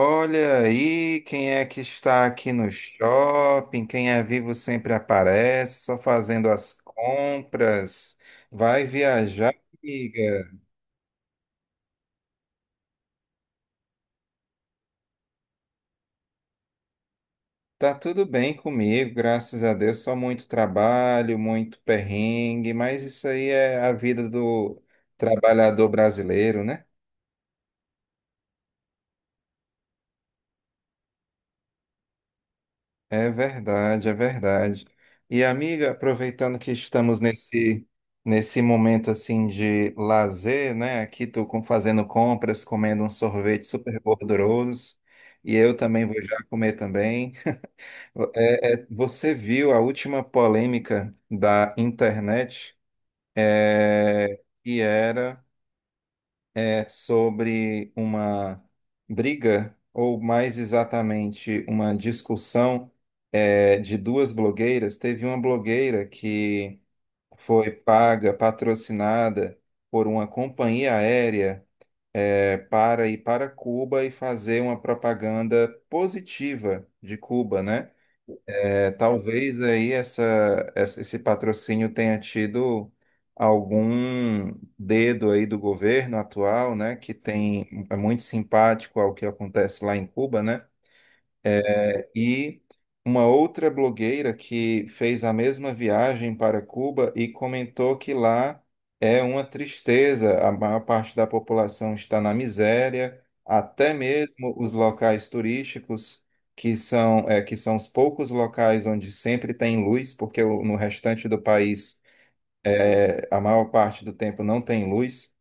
Olha aí quem é que está aqui no shopping, quem é vivo sempre aparece, só fazendo as compras. Vai viajar, amiga. Tá tudo bem comigo, graças a Deus. Só muito trabalho, muito perrengue, mas isso aí é a vida do trabalhador brasileiro, né? É verdade, é verdade. E amiga, aproveitando que estamos nesse momento assim de lazer, né? Aqui fazendo compras, comendo um sorvete super gorduroso, e eu também vou já comer também. Você viu a última polêmica da internet? É, que era sobre uma briga, ou mais exatamente, uma discussão de duas blogueiras. Teve uma blogueira que foi paga, patrocinada por uma companhia aérea, para ir para Cuba e fazer uma propaganda positiva de Cuba, né? É, talvez aí esse patrocínio tenha tido algum dedo aí do governo atual, né, que tem é muito simpático ao que acontece lá em Cuba, né? É, e uma outra blogueira que fez a mesma viagem para Cuba e comentou que lá é uma tristeza, a maior parte da população está na miséria, até mesmo os locais turísticos, que são, é, que são os poucos locais onde sempre tem luz, porque no restante do país a maior parte do tempo não tem luz,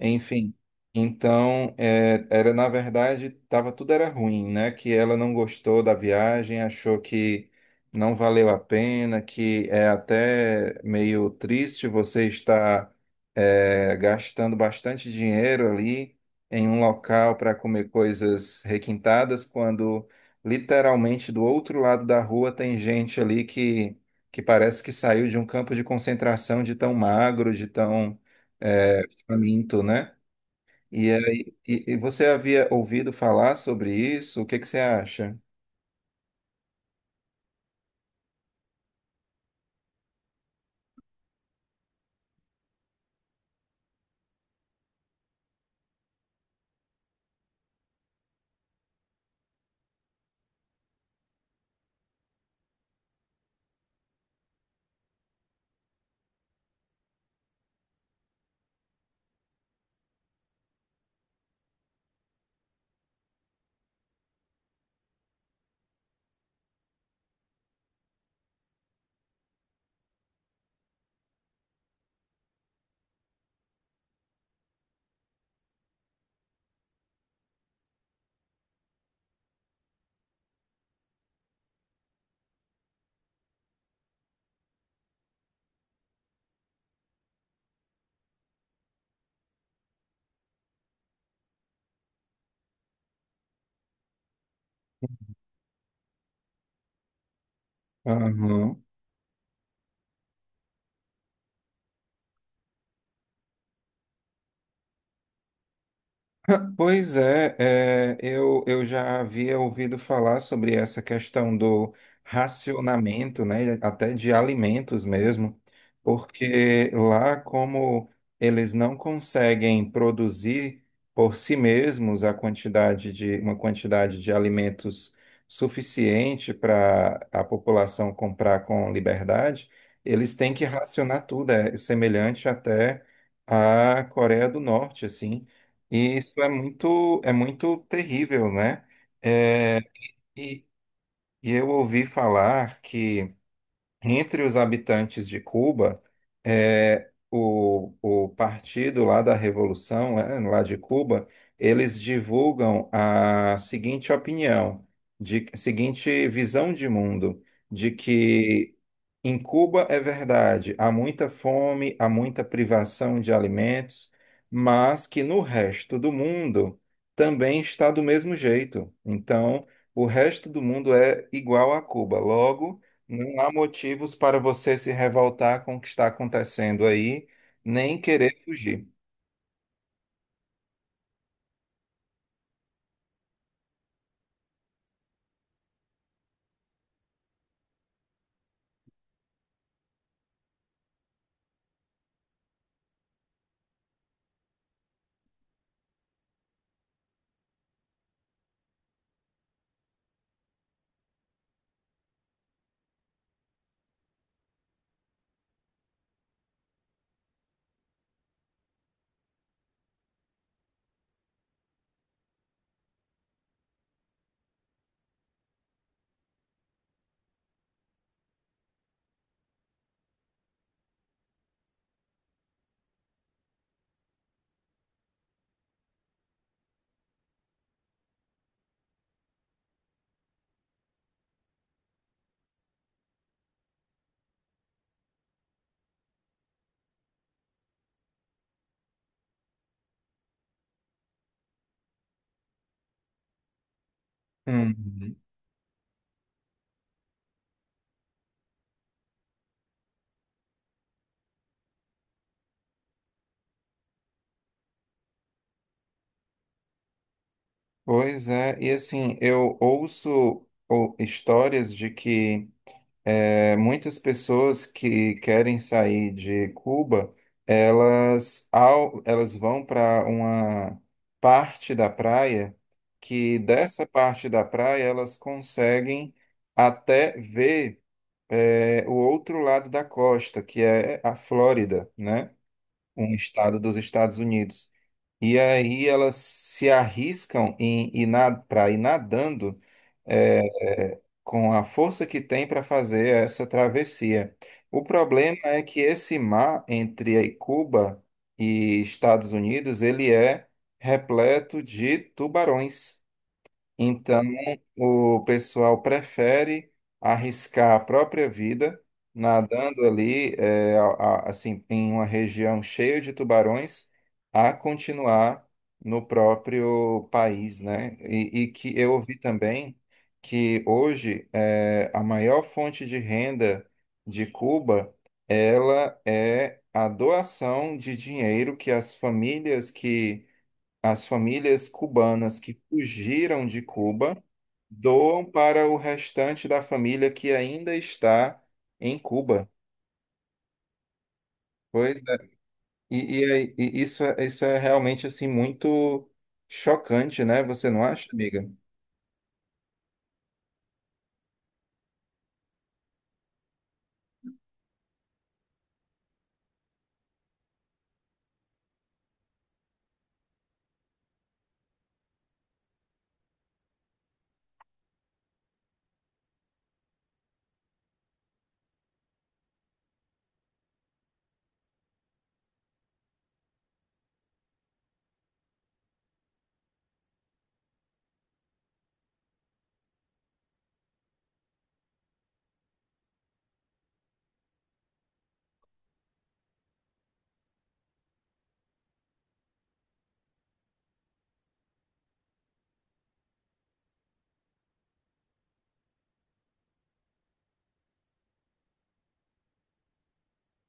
enfim. Então, é, era na verdade, tava, tudo era ruim, né? Que ela não gostou da viagem, achou que não valeu a pena, que é até meio triste você estar gastando bastante dinheiro ali em um local para comer coisas requintadas, quando literalmente do outro lado da rua tem gente ali que parece que saiu de um campo de concentração de tão magro, de tão faminto, né? E aí, você havia ouvido falar sobre isso? O que que você acha? Aham. Pois é, eu já havia ouvido falar sobre essa questão do racionamento, né, até de alimentos mesmo, porque lá, como eles não conseguem produzir por si mesmos uma quantidade de alimentos suficiente para a população comprar com liberdade, eles têm que racionar tudo, é semelhante até à Coreia do Norte, assim. E isso é muito terrível, né? E, e eu ouvi falar que entre os habitantes de Cuba, é, o partido lá da Revolução, né, lá de Cuba, eles divulgam a seguinte opinião, de seguinte visão de mundo, de que em Cuba é verdade, há muita fome, há muita privação de alimentos, mas que no resto do mundo também está do mesmo jeito. Então, o resto do mundo é igual a Cuba. Logo, não há motivos para você se revoltar com o que está acontecendo aí, nem querer fugir. Uhum. Pois é, e assim, histórias de que muitas pessoas que querem sair de Cuba, elas, elas vão para uma parte da praia, que dessa parte da praia elas conseguem até ver. É o outro lado da costa, que é a Flórida, né? Um estado dos Estados Unidos. E aí elas se arriscam em ir para ir nadando é, com a força que tem para fazer essa travessia. O problema é que esse mar entre aí Cuba e Estados Unidos, ele é repleto de tubarões. Então, o pessoal prefere arriscar a própria vida nadando ali, assim, em uma região cheia de tubarões, a continuar no próprio país, né? E que eu ouvi também que hoje é a maior fonte de renda de Cuba, ela é a doação de dinheiro que as famílias cubanas que fugiram de Cuba doam para o restante da família que ainda está em Cuba. Pois é. E, e isso, isso é realmente assim muito chocante, né? Você não acha, amiga?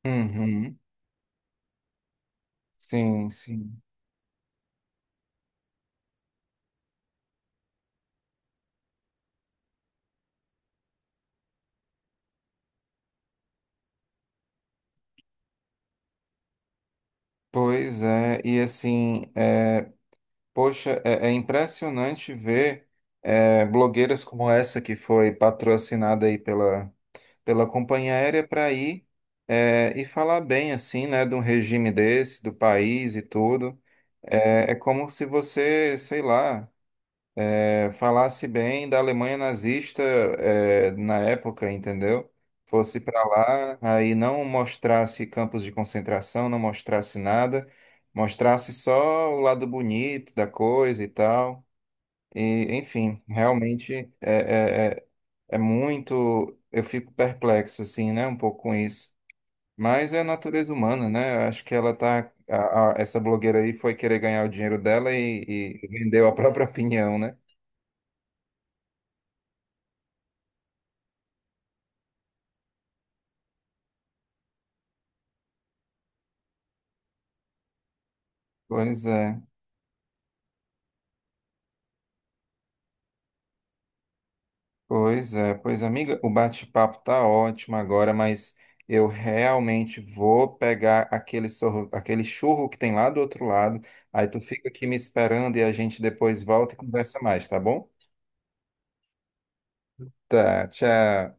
Uhum. Sim, sim. Pois é, e assim, é, poxa, é, é impressionante ver blogueiras como essa que foi patrocinada aí pela companhia aérea para ir, e falar bem assim, né, de um regime desse, do país e tudo. É, é como se você, sei lá, falasse bem da Alemanha nazista, na época, entendeu? Fosse para lá, aí não mostrasse campos de concentração, não mostrasse nada, mostrasse só o lado bonito da coisa e tal. E, enfim, realmente é, é, é é muito. Eu fico perplexo, assim, né, um pouco com isso. Mas é a natureza humana, né? Eu acho que ela tá. Essa blogueira aí foi querer ganhar o dinheiro dela e vendeu a própria opinião, né? Pois é, pois é. Pois, amiga, o bate-papo tá ótimo agora, mas eu realmente vou pegar aquele, sorro, aquele churro que tem lá do outro lado. Aí tu fica aqui me esperando e a gente depois volta e conversa mais, tá bom? Tá, tchau.